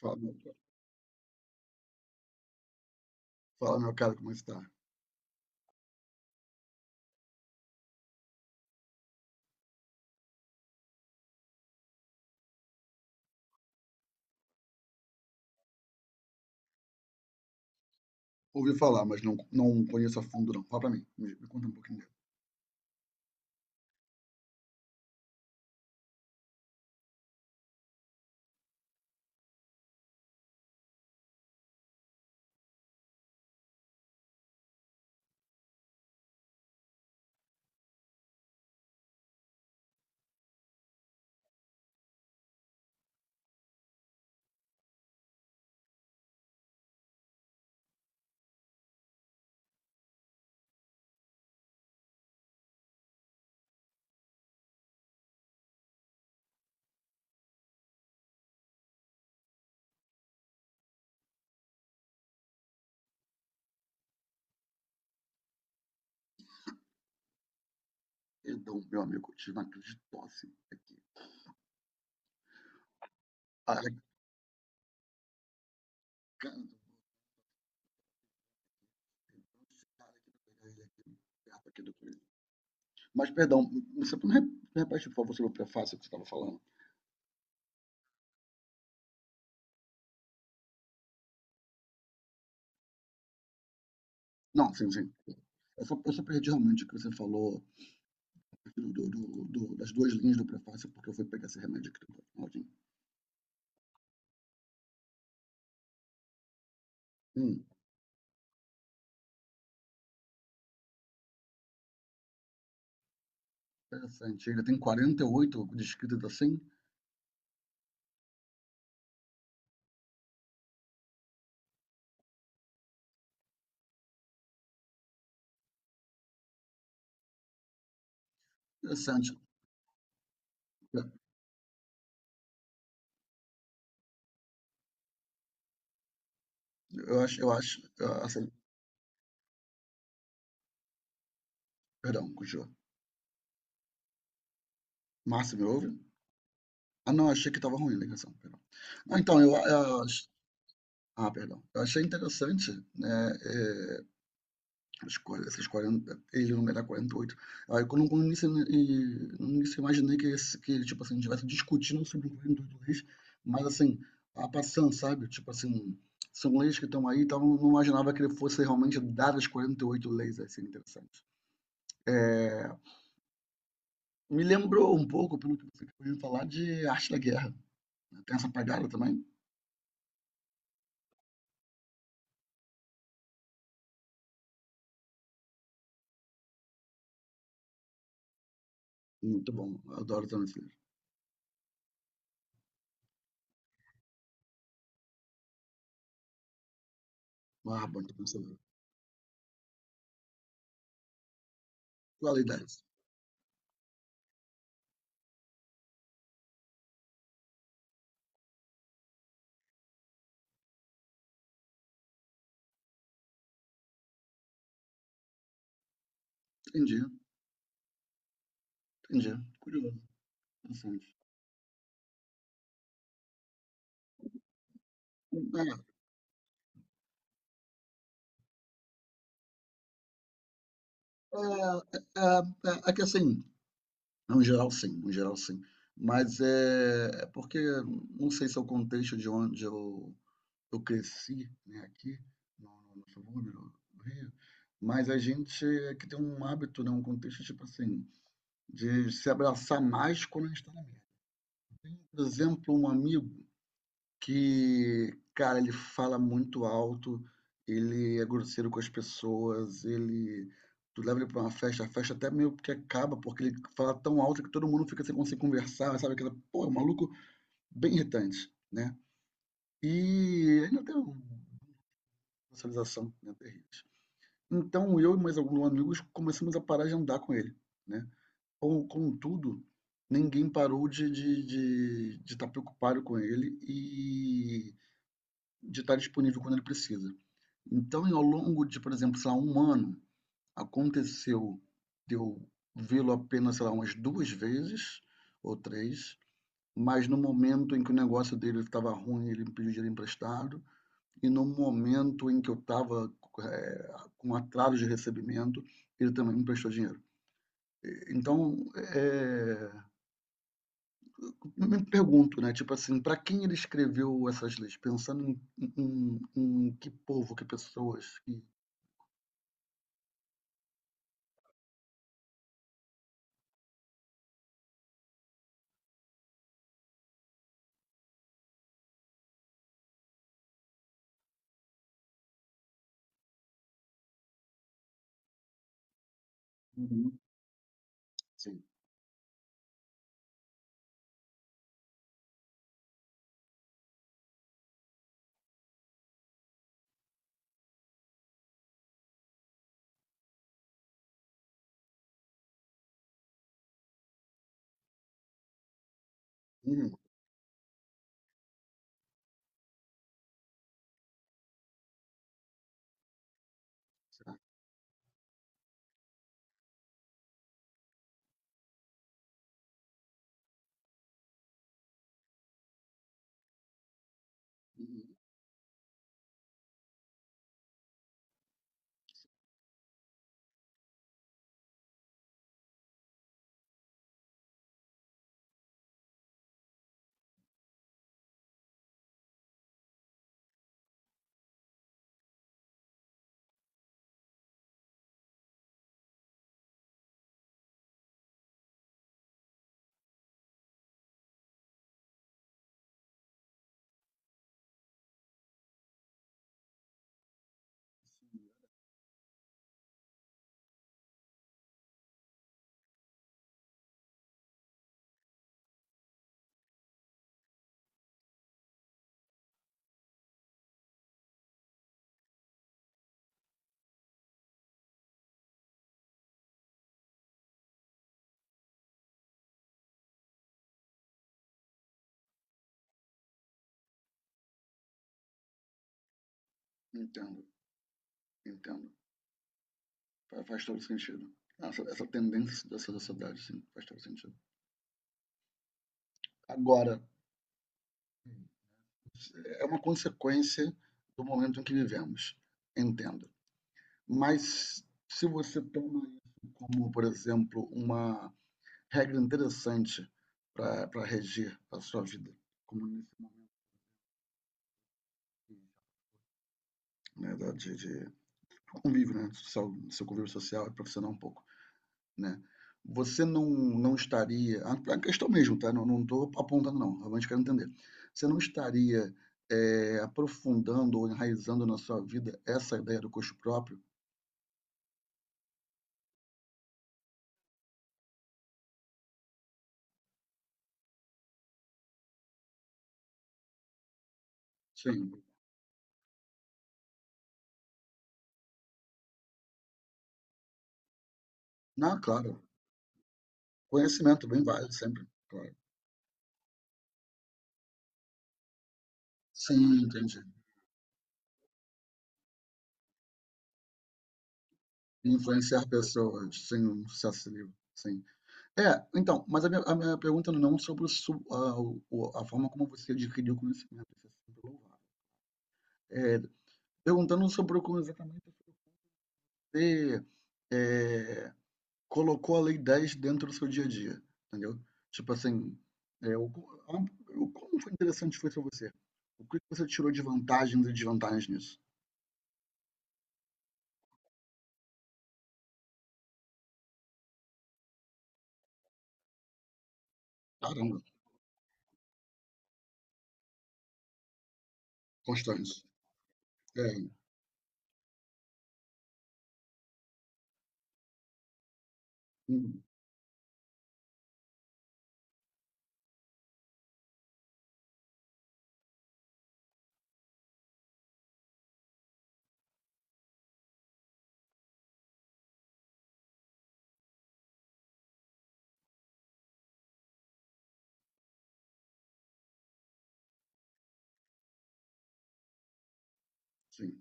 Fala, meu fala, meu caro, como está? Ouvi falar, mas não conheço a fundo, não. Fala pra mim, me conta um pouquinho dele. Perdão, meu amigo, eu tive uma crise de tosse aqui. Arrancando, esse cara aqui, pegar ele aqui, perto aqui do coelho. Mas, perdão, você não re- repete, por favor, sobre o prefácio que você estava falando? Não, sim. Eu só perdi realmente o que você falou das duas linhas do prefácio, porque eu fui pegar esse remédio aqui do Claudinho. Hum, interessante. Ele tem 48 descritas assim? Interessante. Eu acho, ah, assim, perdão, continua. Márcio, me ouve? Ah, não, achei que estava ruim a ligação, perdão. Ah, então, perdão. Eu achei interessante, né, é, esses 40, ele numerar quarenta e oito. Quando no início, no início eu imaginei que, que ele, tipo assim, estivesse discutindo sobre quarenta e oito leis, mas assim, a passando, sabe? Tipo assim, são leis que estão aí, então eu não imaginava que ele fosse realmente dar as 48 leis, assim, interessante. É, me lembrou um pouco, pelo que você acabou de falar, de Arte da Guerra. Tem essa pegada também? Muito bom, eu adoro também esse livro. Ah, bom, que pensador. Qualidades. Entendi, entendi. Curioso, interessante. É, é, é que assim, no geral sim. Mas é porque não sei se é o contexto de eu cresci, né, aqui no subúrbio do Rio, mas a gente é que tem um hábito, né, um contexto tipo assim, de se abraçar mais quando a gente está. Por exemplo, um amigo que, cara, ele fala muito alto, ele é grosseiro com as pessoas, ele. Tu leva ele pra uma festa, a festa até meio que acaba, porque ele fala tão alto que todo mundo fica sem conseguir conversar, sabe? Aquela, pô, é um maluco bem irritante, né? E ainda tem uma socialização, né, terrível. Então eu e mais alguns amigos começamos a parar de andar com ele, né? Com contudo, ninguém parou de estar preocupado com ele e de estar disponível quando ele precisa. Então, e ao longo de, por exemplo, sei lá, 1 ano, aconteceu de eu vê-lo apenas, sei lá, umas 2 vezes ou três, mas no momento em que o negócio dele estava ruim, ele me pediu dinheiro emprestado, e no momento em que eu estava, com atraso de recebimento, ele também me emprestou dinheiro. Então, eu me pergunto, né, tipo assim, para quem ele escreveu essas leis? Pensando em que povo, que pessoas, que... Uhum, sim. Uhum, tá. Uhum, entendo, entendo. Faz todo sentido. Essa tendência dessa sociedade, sim, faz todo sentido. Agora, é uma consequência do momento em que vivemos, entendo. Mas se você toma isso como, por exemplo, uma regra interessante para regir a sua vida, como, né, do convívio, né, social, do seu convívio social e profissional um pouco, né? Você não estaria, a questão mesmo, tá? Não estou apontando não, realmente quero entender. Você não estaria, aprofundando ou enraizando na sua vida essa ideia do custo próprio? Sim. Não, claro. Conhecimento bem válido sempre, claro. Sim, entendi. Influenciar pessoas, sim, um sucesso livre, sim. É, então, mas a minha pergunta não é um sobre o su a o a forma como você adquiriu o conhecimento, isso é sempre louvável. Eh, perguntando sobre como exatamente você, eh, colocou a Lei 10 dentro do seu dia a dia, entendeu? Tipo assim, eh, o co a- o como foi interessante foi para você? O que que você tirou de vantagens e desvantagens nisso? Caramba, constante. É, uhum, sim.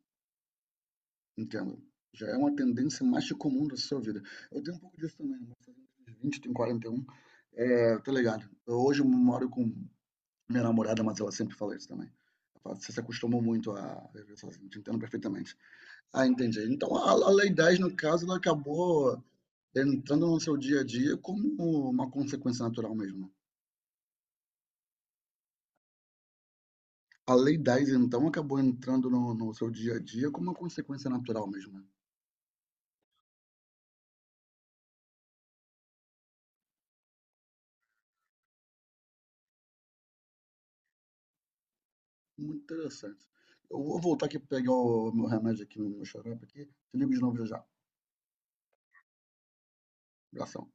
Entendo. Já é uma tendência mais que comum da sua vida. Eu tenho um pouco disso também, né. Mas fazendo uns 20, tenho 41, tá ligado. Eu moro com minha namorada, mas ela sempre fala isso também. Ela fala: "Você se acostumou muito a viver sozinho", te entendo perfeitamente. Ah, entendi. Então a Lei 10, no caso, ela acabou entrando no seu dia a dia como uma consequência natural mesmo, né. A Lei 10, então, acabou entrando no seu dia a dia como uma consequência natural mesmo, né. Muito interessante. Eu vou voltar aqui para pegar o meu remédio aqui, no meu xarope aqui. Te ligo de novo já já. Abração.